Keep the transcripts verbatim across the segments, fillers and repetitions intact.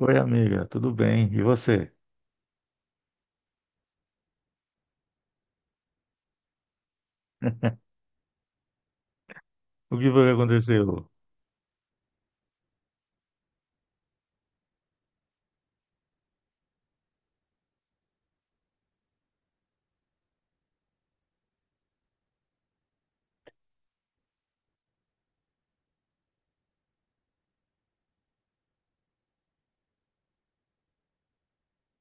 Oi, amiga, tudo bem? E você? O que foi que aconteceu?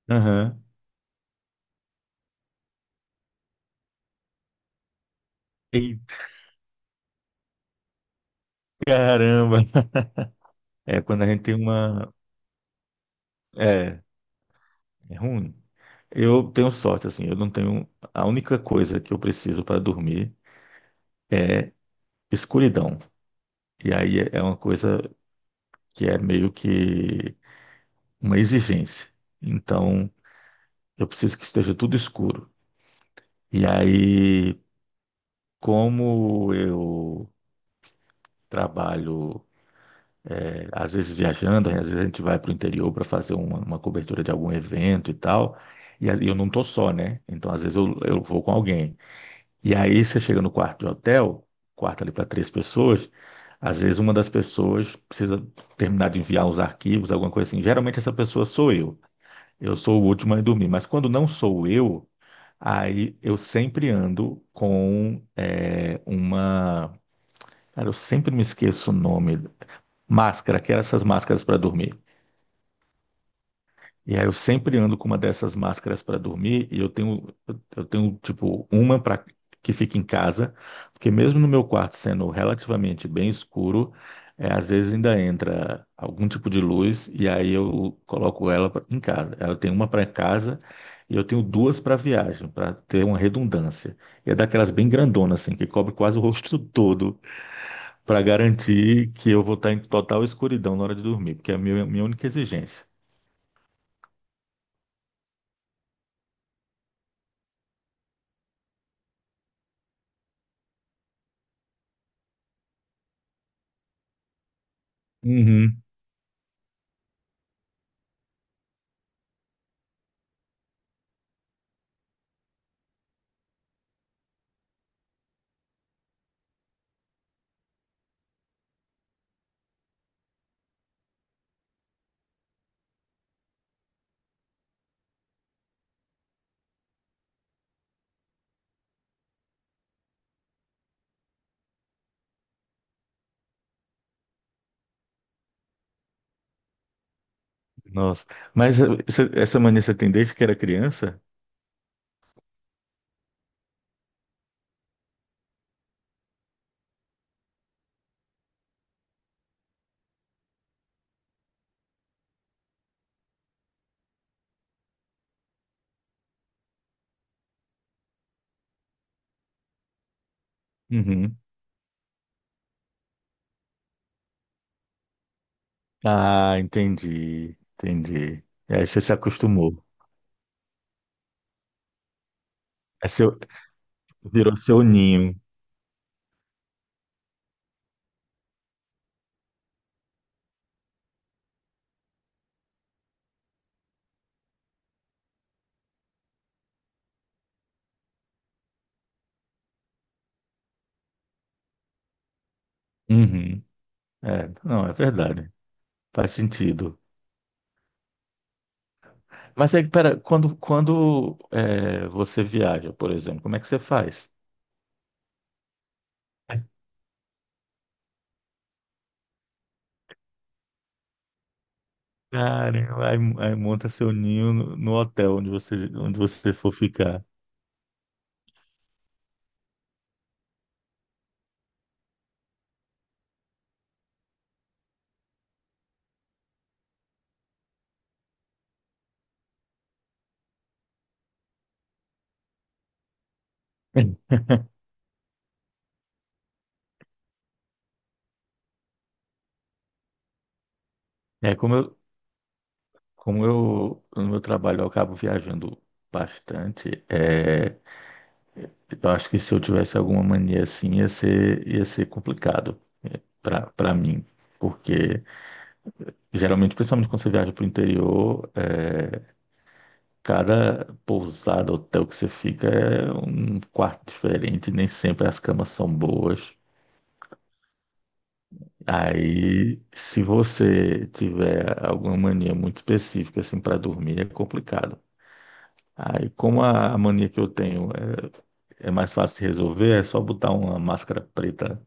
Aham. Eita, caramba! É, quando a gente tem uma. É, é ruim. Eu tenho sorte, assim, eu não tenho. A única coisa que eu preciso para dormir, escuridão. E aí é é uma coisa que é meio que uma exigência. Então, eu preciso que esteja tudo escuro. E aí, como eu trabalho. Às vezes viajando, às vezes a gente vai para o interior para fazer uma, uma cobertura de algum evento e tal. E a- e eu não tô só, né? Então, às vezes eu, eu vou com alguém. E aí você chega no quarto de hotel, quarto ali para três pessoas, às vezes uma das pessoas precisa terminar de enviar uns arquivos, alguma coisa assim. Geralmente essa pessoa sou eu. Eu sou o último a dormir. Mas quando não sou eu, aí eu sempre ando com eh, uma. Cara, eu sempre me esqueço o nome. Máscara, que eram essas máscaras para dormir. E aí eu sempre ando com uma dessas máscaras para dormir e eu tenho, eu tenho tipo uma para que fica em casa, porque mesmo no meu quarto sendo relativamente bem escuro, é, às vezes ainda entra algum tipo de luz e aí eu coloco ela pra- em casa. Eu tenho uma para casa e eu tenho duas para viagem, para ter uma redundância. E é daquelas bem grandonas assim, que cobre quase o rosto todo, para garantir que eu vou estar em total escuridão na hora de dormir, porque é a minha, minha única exigência. Uhum. Nossa. Mas eh, você- essa mania você tem desde que era criança? Uhum. Ah, entendi. Entendi. E aí você se acostumou. É seu, virou seu ninho. Uhum. É, não, é verdade. Faz sentido. Mas aí, pera, quando, quando eh, você viaja, por exemplo, como é que você faz? Caramba, aí, aí monta seu ninho no, no hotel onde você, onde você for ficar. É, como eu, como eu, no meu trabalho, eu acabo viajando bastante. É, eu acho que se eu tivesse alguma mania assim, ia ser, ia ser complicado para para mim. Porque geralmente, principalmente quando você viaja para o interior, é, cada pousada, hotel que você fica é um quarto diferente, nem sempre as camas são boas. Aí, se você tiver alguma mania muito específica assim para dormir, é complicado. Aí, como a a mania que eu tenho é, é mais fácil de resolver, é só botar uma máscara preta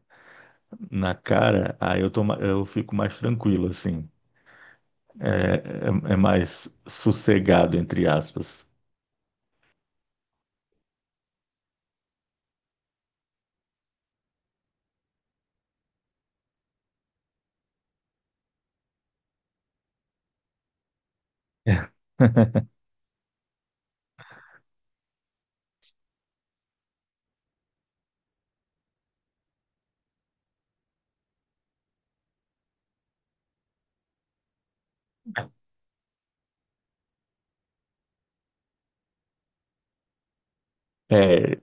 na cara, aí eu tô, ma- eu fico mais tranquilo, assim. É, é, é mais sossegado, entre aspas. É,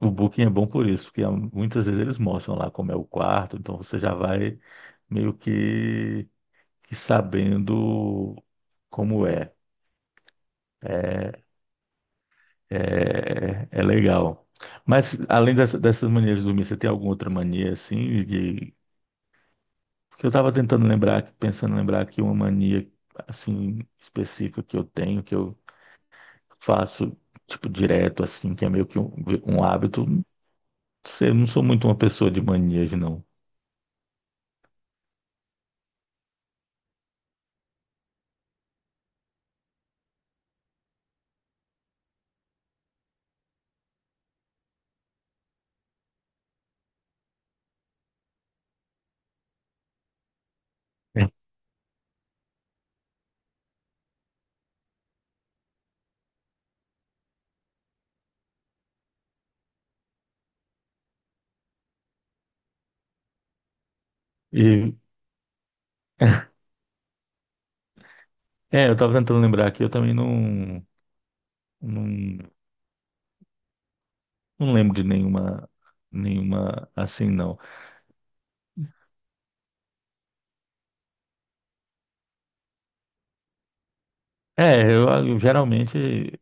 o Booking é bom por isso, porque ah, muitas vezes eles mostram lá como é o quarto, então você já vai meio que, que sabendo como é. É, é, é legal. Mas além dessa, dessas manias de dormir, você tem alguma outra mania assim. Porque eu estava tentando lembrar, pensando em lembrar aqui uma mania, assim, específica que eu tenho, que eu faço, tipo, direto, assim, que é meio que um, um hábito. Não sei, eu não sou muito uma pessoa de manias, não. E, é, eu estava tentando lembrar aqui, eu também não, não, não lembro de nenhuma, nenhuma assim, não. É, eu, eu geralmente,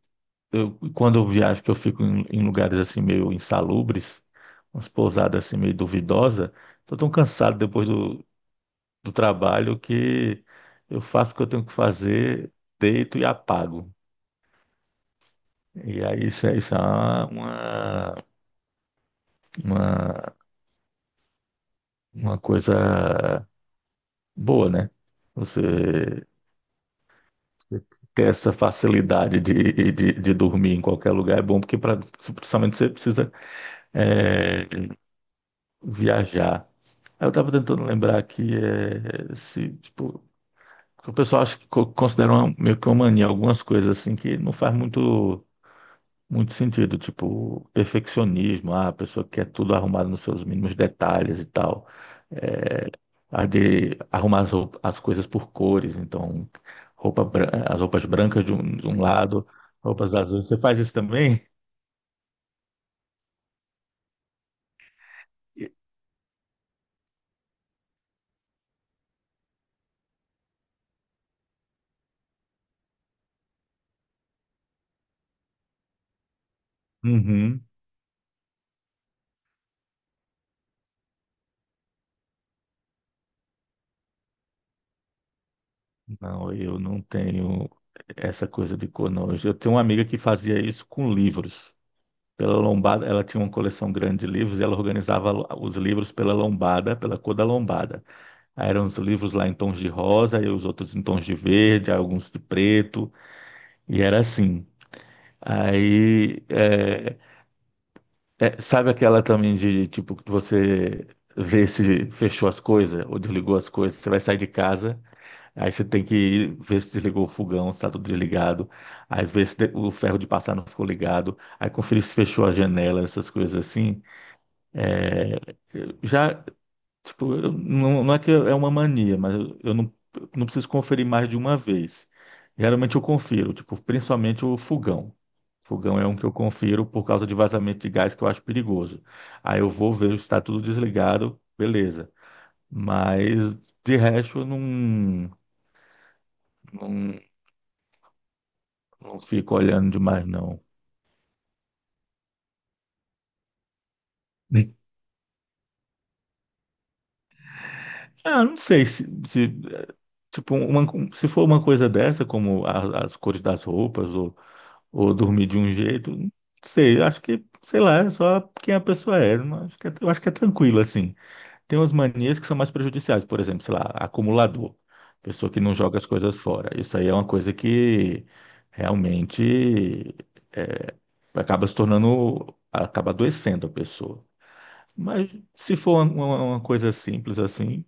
eu, quando eu viajo, que eu fico em, em lugares assim meio insalubres, umas pousadas assim meio duvidosas, tô tão cansado depois do, do trabalho que eu faço o que eu tenho que fazer, deito e apago. E aí isso é, isso é uma, uma, uma coisa boa, né? Você ter essa facilidade de, de, de dormir em qualquer lugar é bom, porque pra, principalmente você precisa é, viajar. Aí eu estava tentando lembrar aqui é, se, tipo, o pessoal acha que co- considera uma- meio que uma mania, algumas coisas assim que não faz muito. Muito sentido, tipo, perfeccionismo, ah, a pessoa quer tudo arrumado nos seus mínimos detalhes e tal. É, a de arrumar as, roup- as coisas por cores, então, roupa, bran- as roupas brancas de um, de um lado, roupas azuis. Você faz isso também? Uhum. Não, eu não tenho essa coisa de cor, não. Eu tenho uma amiga que fazia isso com livros. Pela lombada, ela tinha uma coleção grande de livros e ela organizava os livros pela lombada, pela cor da lombada. Aí eram os livros lá em tons de rosa, e os outros em tons de verde, aí alguns de preto, e era assim. Aí, é, é, sabe aquela também de, tipo, que você vê se fechou as coisas ou desligou as coisas, você vai sair de casa, aí você tem que ir ver se desligou o fogão, se tá tudo desligado, aí ver se de- o ferro de passar não ficou ligado, aí conferir se fechou a janela, essas coisas assim. Eu já tipo, eu- não, não é que é uma mania, mas eu, eu não, eu não preciso conferir mais de uma vez. Geralmente eu confiro, tipo, principalmente o fogão. Fogão é um que eu confiro por causa de vazamento de gás que eu acho perigoso. Aí eu vou ver se está tudo desligado, beleza. Mas de resto eu não, não, não fico olhando demais, não. Ah, não sei se, se, eh, tipo, uma, se for uma coisa dessa, como a- as cores das roupas, ou dormir de um jeito. Não sei, acho que, sei lá, é só quem a pessoa é. Não, acho que é, eu acho que é tranquilo, assim. Tem umas manias que são mais prejudiciais, por exemplo, sei lá, acumulador, pessoa que não joga as coisas fora. Isso aí é uma coisa que realmente é, acaba se tornando, acaba adoecendo a pessoa. Mas se for uma, uma- uma coisa simples assim,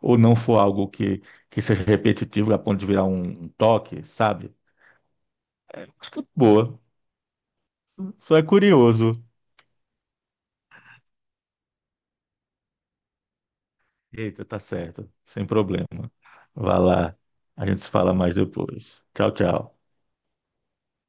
ou não for algo que, que seja repetitivo a ponto de virar um, um toque, sabe? Acho que é boa. Só é curioso. Eita, tá certo. Sem problema. Vá lá. A gente se fala mais depois. Tchau, tchau.